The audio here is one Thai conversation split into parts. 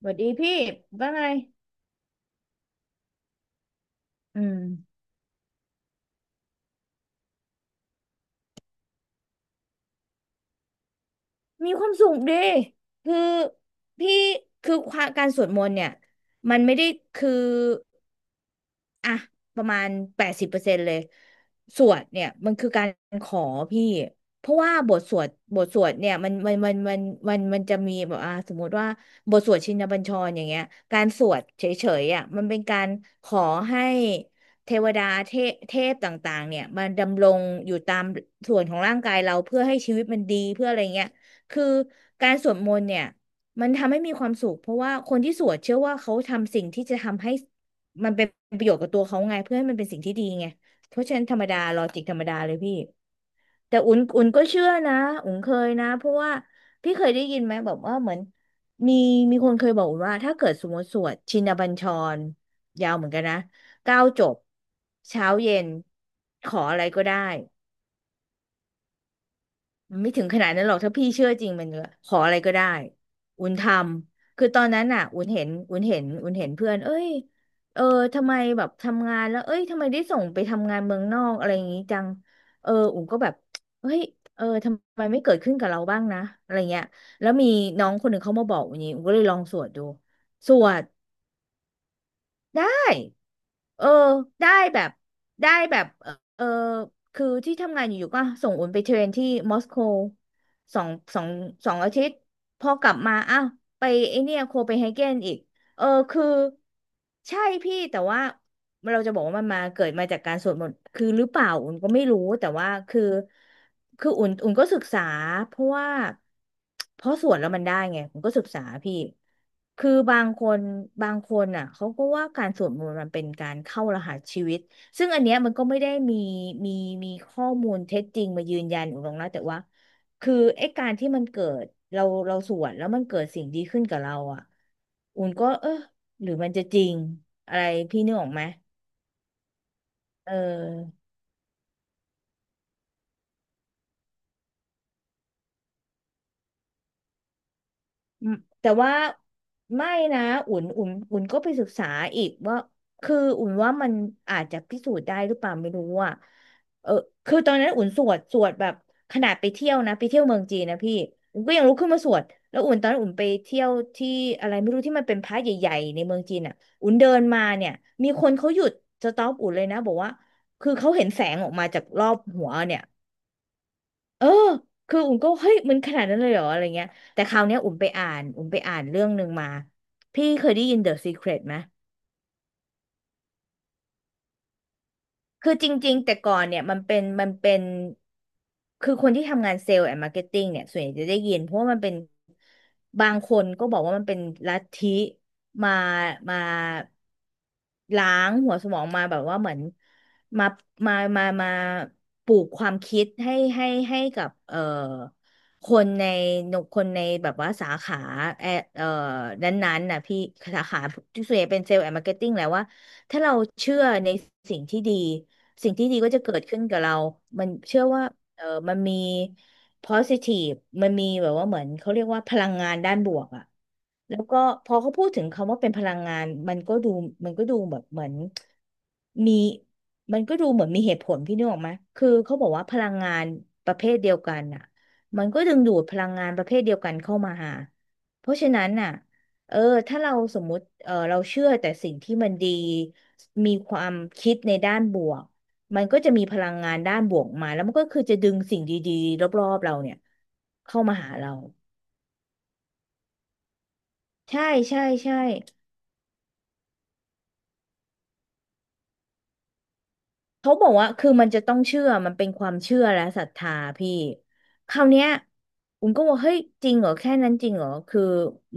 สวัสดีพี่ว่าไงอืม มีความสุขดิคือพี่คือความการสวดมนต์เนี่ยมันไม่ได้คืออ่ะประมาณ80%เลยสวดเนี่ยมันคือการขอพี่เพราะว่าบทสวดเนี่ยมันมันจะมีแบบสมมติว่าบทสวดชินบัญชรอย่างเงี้ยการสวดเฉยๆอ่ะมันเป็นการขอให้เทวดาเทพต่างๆเนี่ยมนดำรงอยู่ตามส่วนของร่างกายเราเพื่อให้ชีวิตมันดีเพื่ออะไรเงี้ย คือการสวดมนต์เนี่ยมันทำให้มีความสุขเพราะว่าคนที่สวดเชื่อว่าเขาทำสิ่งที่จะทำให้มันเป็นประโยชน์กับตัวเขาไงเพื่อให้มันเป็นสิ่งที่ดีไงเพราะฉะนั้นธรรมดาลอจิกธรรมดาเลยพี่แต่อุ่นก็เชื่อนะอุ่นเคยนะเพราะว่าพี่เคยได้ยินไหมแบบว่าเหมือนมีมีคนเคยบอกอุ่นว่าถ้าเกิดสมมติสวดชินบัญชรยาวเหมือนกันนะ9 จบเช้าเย็นขออะไรก็ได้ ไม่ถึงขนาดนั้นหรอกถ้าพี่เชื่อจริงมันก็ขออะไรก็ได้อุ่นทำคือตอนนั้นน่ะอุ่นเห็นเพื่อนเอ้ยเออทำไมแบบทำงานแล้วเอ้ยทำไมได้ส่งไปทำงานเมืองนอกอะไรอย่างงี้จังเอออุ่นก็แบบเฮ้ยเออทำไมไม่เกิดขึ้นกับเราบ้างนะอะไรเงี้ยแล้วมีน้องคนหนึ่งเขามาบอกอุ่นนี้อุ่นก็เลยลองสวดดูสวด ได้ เออ ได้แบบ ได้แบบเออเออคือที่ทำงานอยู่ๆก็ส่งอุ่นไปเทรนที่มอสโกสอง สอง 2 อาทิตย์ พอกลับมาอ้าวไปไอเนี่ยโคเปนเฮเกนอีก เออคือใช่พี่แต่ว่าเราจะบอกว่ามันมาเกิดมาจากการสวดมนต์คือหรือเปล่าอุ่นก็ไม่รู้แต่ว่าคือคืออุ่นก็ศึกษาเพราะว่าเพราะสวดแล้วมันได้ไงอุ่นก็ศึกษาพี่คือบางคนอ่ะเขาก็ว่าการสวดมนต์มันเป็นการเข้ารหัสชีวิตซึ่งอันเนี้ยมันก็ไม่ได้มีมีข้อมูลเท็จจริงมายืนยันอุ่นหรอกนะแต่ว่า คือไอ้การที่มันเกิดเราสวดแล้วมันเกิดสิ่งดีขึ้นกับเราอ่ะอุ่นก็เออหรือมันจะจริงอะไรพี่นึกออกไหมเออ อืมแต่ว่าไม่นะอุ่นก็ไปศึกษาอีกว่าคืออุ่นว่ามันอาจจะพิสูจน์ได้หรือเปล่าไม่รู้อ่ะเออคือตอนนั้นอุ่นสวดแบบขนาดไปเที่ยวนะไปเที่ยวเมืองจีนนะพี่อุ่นก็ยังลุกขึ้นมาสวดแล้วอุ่นตอนนั้นอุ่นไปเที่ยวที่อะไรไม่รู้ที่มันเป็นพระใหญ่ๆในเมืองจีนอ่ะอุ่นเดินมาเนี่ยมีคนเขาหยุดสต็อปอุ่นเลยนะบอกว่าคือเขาเห็นแสงออกมาจากรอบหัวเนี่ย เออ คืออุ่นก็เฮ้ยมันขนาดนั้นเลยเหรออะไรเงี้ย แต่คราวเนี้ยอุ่นไปอ่านเรื่องหนึ่งมา พี่เคยได้ยิน The Secret ไหม คือจริงๆแต่ก่อนเนี่ยมันเป็นคือคนที่ทำงานเซลล์แอนด์มาร์เก็ตติ้งเนี่ยส่วนใหญ่จะได้ยินเพราะว่ามันเป็นบางคนก็บอกว่ามันเป็นลัทธิมามาล้างหัวสมองมาแบบว่าเหมือนมามาปลูกความคิดให้กับคนในแบบว่าสาขาแอเอ่อนั้นๆน่ะพี่สาขาที่ส่วนใหญ่เป็นเซลล์แอนด์มาร์เก็ตติ้งแหละว่า ถ้าเราเชื่อในสิ่งที่ดีสิ่งที่ดีก็จะเกิดขึ้นกับเรา มันเชื่อว่าเออมันมี positive มันมีแบบว่าเหมือนเขาเรียกว่าพลังงานด้านบวกอะแล้วก็พอเขาพูดถึงคำว่าเป็นพลังงานมันก็ดูแบบเหมือนมีมันก็ดูเหมือนมีเหตุผลพี่นึกออกไหมคือเขาบอกว่าพลังงานประเภทเดียวกันอะมันก็ดึงดูดพลังงานประเภทเดียวกันเข้ามาหาเพราะฉะนั้นน่ะ เออถ้าเราสมมุติเออเราเชื่อแต่สิ่งที่มันดีมีความคิดในด้านบวกมันก็จะมีพลังงานด้านบวกมาแล้วมันก็คือจะดึงสิ่งดีๆรอบๆเราเนี่ยเข้ามาหาเราใช่ใช่ใช่ เขาบอกว่าคือมันจะต้องเชื่อมันเป็นความเชื่อและศรัทธาพี่คราวเนี้ยผมก็ว่าเฮ้ยจริงเหรอแค่นั้นจริงเหรอคือ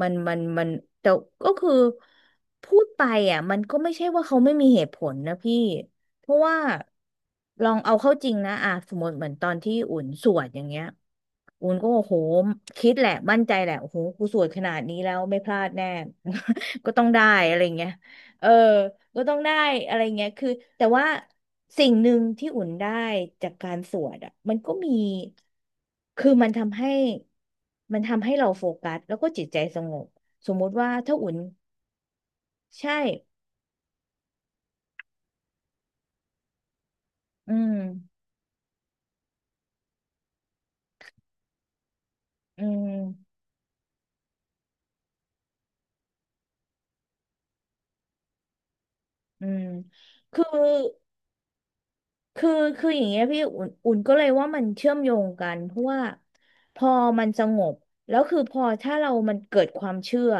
มันแต่ก็คือพูดไปอ่ะมันก็ไม่ใช่ว่าเขาไม่มีเหตุผลนะพี่เพราะว่าลองเอาเข้าจริงนะอ่ะสมมติเหมือนตอนที่อุ่นสวดอย่างเงี้ยอุ่นก็โอ้โหคิดแหละมั่นใจแหละโอ้โหกูสวดขนาดนี้แล้วไม่พลาดแน่ ก็ต้องได้อะไรเงี้ย เออ ก็ต้องได้อะไรเงี้ยคือแต่ว่าสิ่งหนึ่งที่อุ่นได้จากการสวดอ่ะ มันก็มี คือมันทำให้เราโฟกัสแล้วก็จิตใจสงบ สมมุติว่าถ้าอุ่นใช่ อืม อืม อืม คือ คือคืออย่างเงี้ยพี่อุ่นก็เลยว่ามันเชื่อมโยงกันเพราะว่าพอมันสงบแล้วคือพอถ้าเรามันเกิดความเชื่อ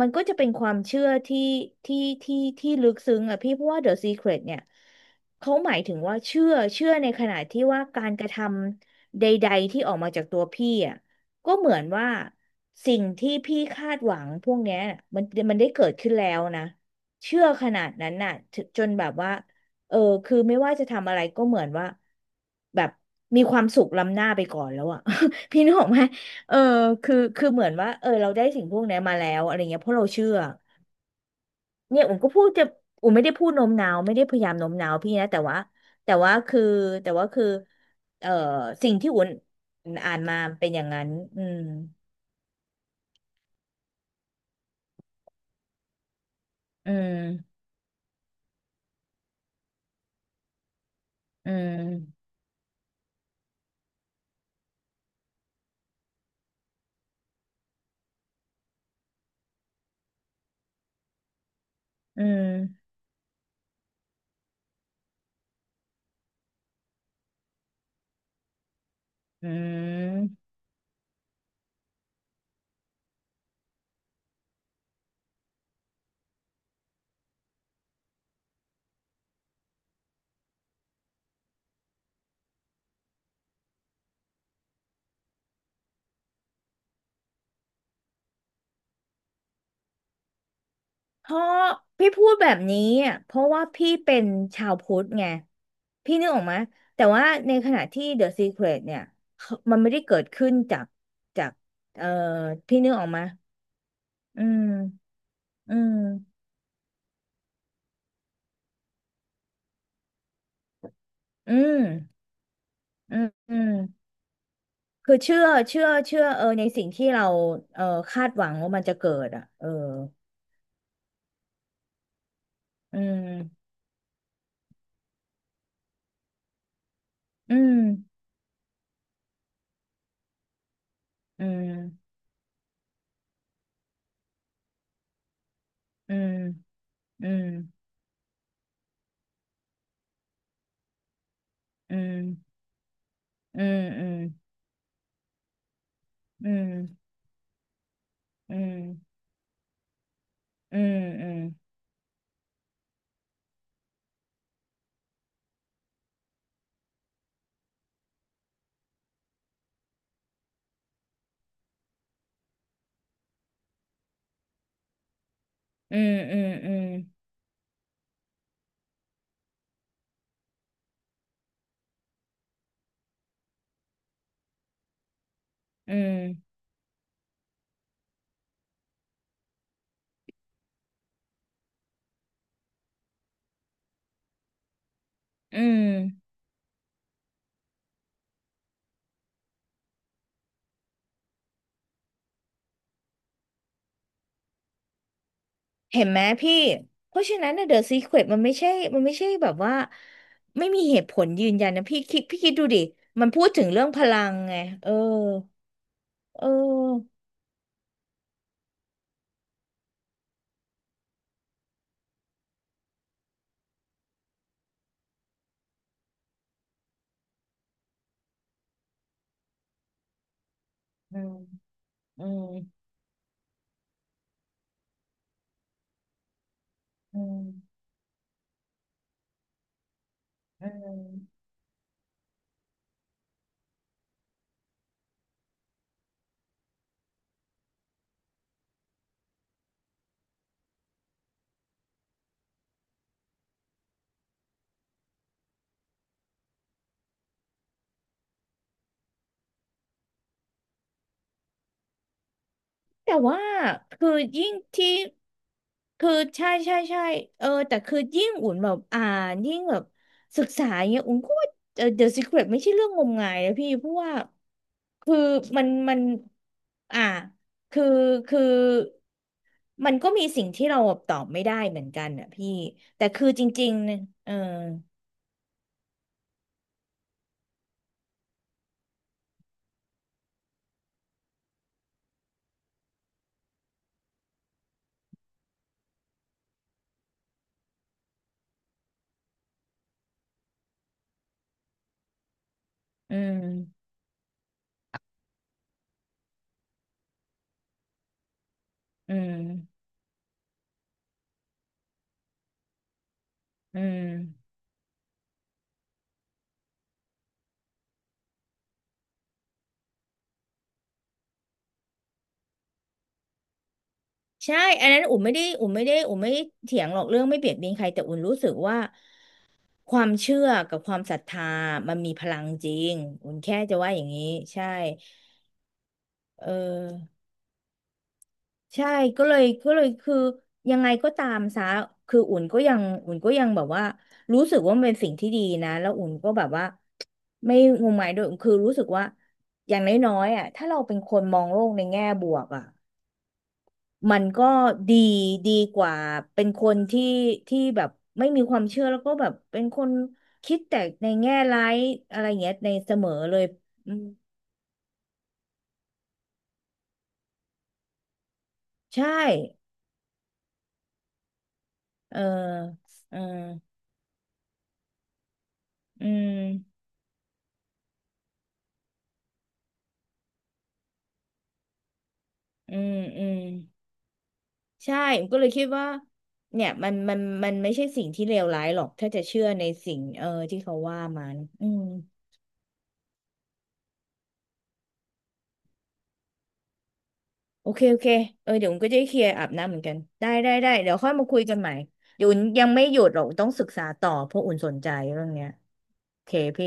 มันก็จะเป็นความเชื่อที่ที่ที่ลึกซึ้งอ่ะพี่เพราะว่า The Secret เนี่ยเขาหมายถึงว่าเชื่อในขณะที่ว่าการกระทำใดๆที่ออกมาจากตัวพี่อ่ะก็เหมือนว่าสิ่งที่พี่คาดหวังพวกเนี้ยมันมันได้เกิดขึ้นแล้วนะเชื่อขนาดนั้นน่ะถึจนแบบว่า เออคือไม่ว่าจะทำอะไรก็เหมือนว่าแบบมีความสุขล้ำหน้าไปก่อนแล้วอะ พี่นึกออกไหมเออคือเหมือนว่าเออเราได้สิ่งพวกนี้มาแล้วอะไรเงี้ยเพราะเราเชื่อเนี่ยอุ่นก็พูดจะอุ่นไม่ได้พูดโน้มน้าวไม่ได้พยายามโน้มน้าวพี่นะแต่ว่าแต่ว่าคือแต่ว่าคือเออสิ่งที่อุ่นอ่านมาเป็นอย่างนั้นอืมอืมอืมอืมอืม เพราะพี่พูดแบบนี้อะเพราะว่าพี่เป็นชาวพุทธไงพี่นึกออกไหมแต่ว่าในขณะที่ The Secret เนี่ยเขามันไม่ได้เกิดขึ้นจากจากเอ่อพี่นึกออกไหมอืมอืมอืมอืมอืมคือเชื่อเออในสิ่งที่เราเออคาดหวังว่ามันจะเกิดอ่ะเอออืมอืมอืมอืมอืมอืมอืมอืมอืมอืมอืมอืม อืมอืมอืมอืมอืมเห็นไหมพี่เพราะฉะนั้นเดอะซีเครตมันไม่ใช่มันไม่ใช่แบบว่าไม่มีเหตุผลยืนยันนะพี่คิดดูดิมันพูดถึงเรื่องพลังไงเออเอออืมอืมอืมอืม แต่ว่าคือยิ่งที่คือใช่เออแต่คือยิ่งอุ่นแบบอ่านยิ่งแบบศึกษาอย่างเงี้ยอุ่นก็ว่าเออ The Secret ไม่ใช่เรื่องงมงายนะพี่เพราะว่าคือมันอ่าคือคือมันก็มีสิ่งที่เราตอบไม่ได้เหมือนกันอ่ะพี่แต่คือจริงๆเนี่ยเอออืมอืมอืมใช่อันนั้นอุ่มไม่ได้เถียงหรอกเรื่องไม่เบียดเบียนใครแต่อุ่นรู้สึกว่า ความเชื่อกับความศรัทธามันมีพลังจริงอุ่นแค่จะว่าอย่างนี้ใช่เออใช่ก็เลยคือยังไงก็ตามซะคืออุ่นก็ยังแบบว่ารู้สึกว่ามันเป็นสิ่งที่ดีนะแล้วอุ่นก็แบบว่าไม่งมงายด้วยคือรู้สึกว่าอย่างน้อยๆอ่ะถ้าเราเป็นคนมองโลกในแง่บวกอ่ะ มันก็ดีดีกว่าเป็นคนที่ที่แบบไม่มีความเชื่อแล้วก็แบบเป็นคนคิดแต่ในแง่ร้ายอะไรอย่างเงี้ยในเสมอเลยอืมใช่เออเอออืมอืมอืมใช่ก็เลยคิดว่าเนี่ยมันไม่ใช่สิ่งที่เลวร้ายหรอกถ้าจะเชื่อในสิ่งเออที่เขาว่ามันอืม โอเคโอเคเออเดี๋ยวอุ่นก็จะเคลียร์อาบน้ำเหมือนกันได้ได้ได้เดี๋ยวค่อยมาคุยกันใหม่เดี๋ยวอุ่นยังไม่หยุดหรอกอุนต้องศึกษาต่อเพราะอุ่นสนใจเรื่องเนี้ยโอเคพี่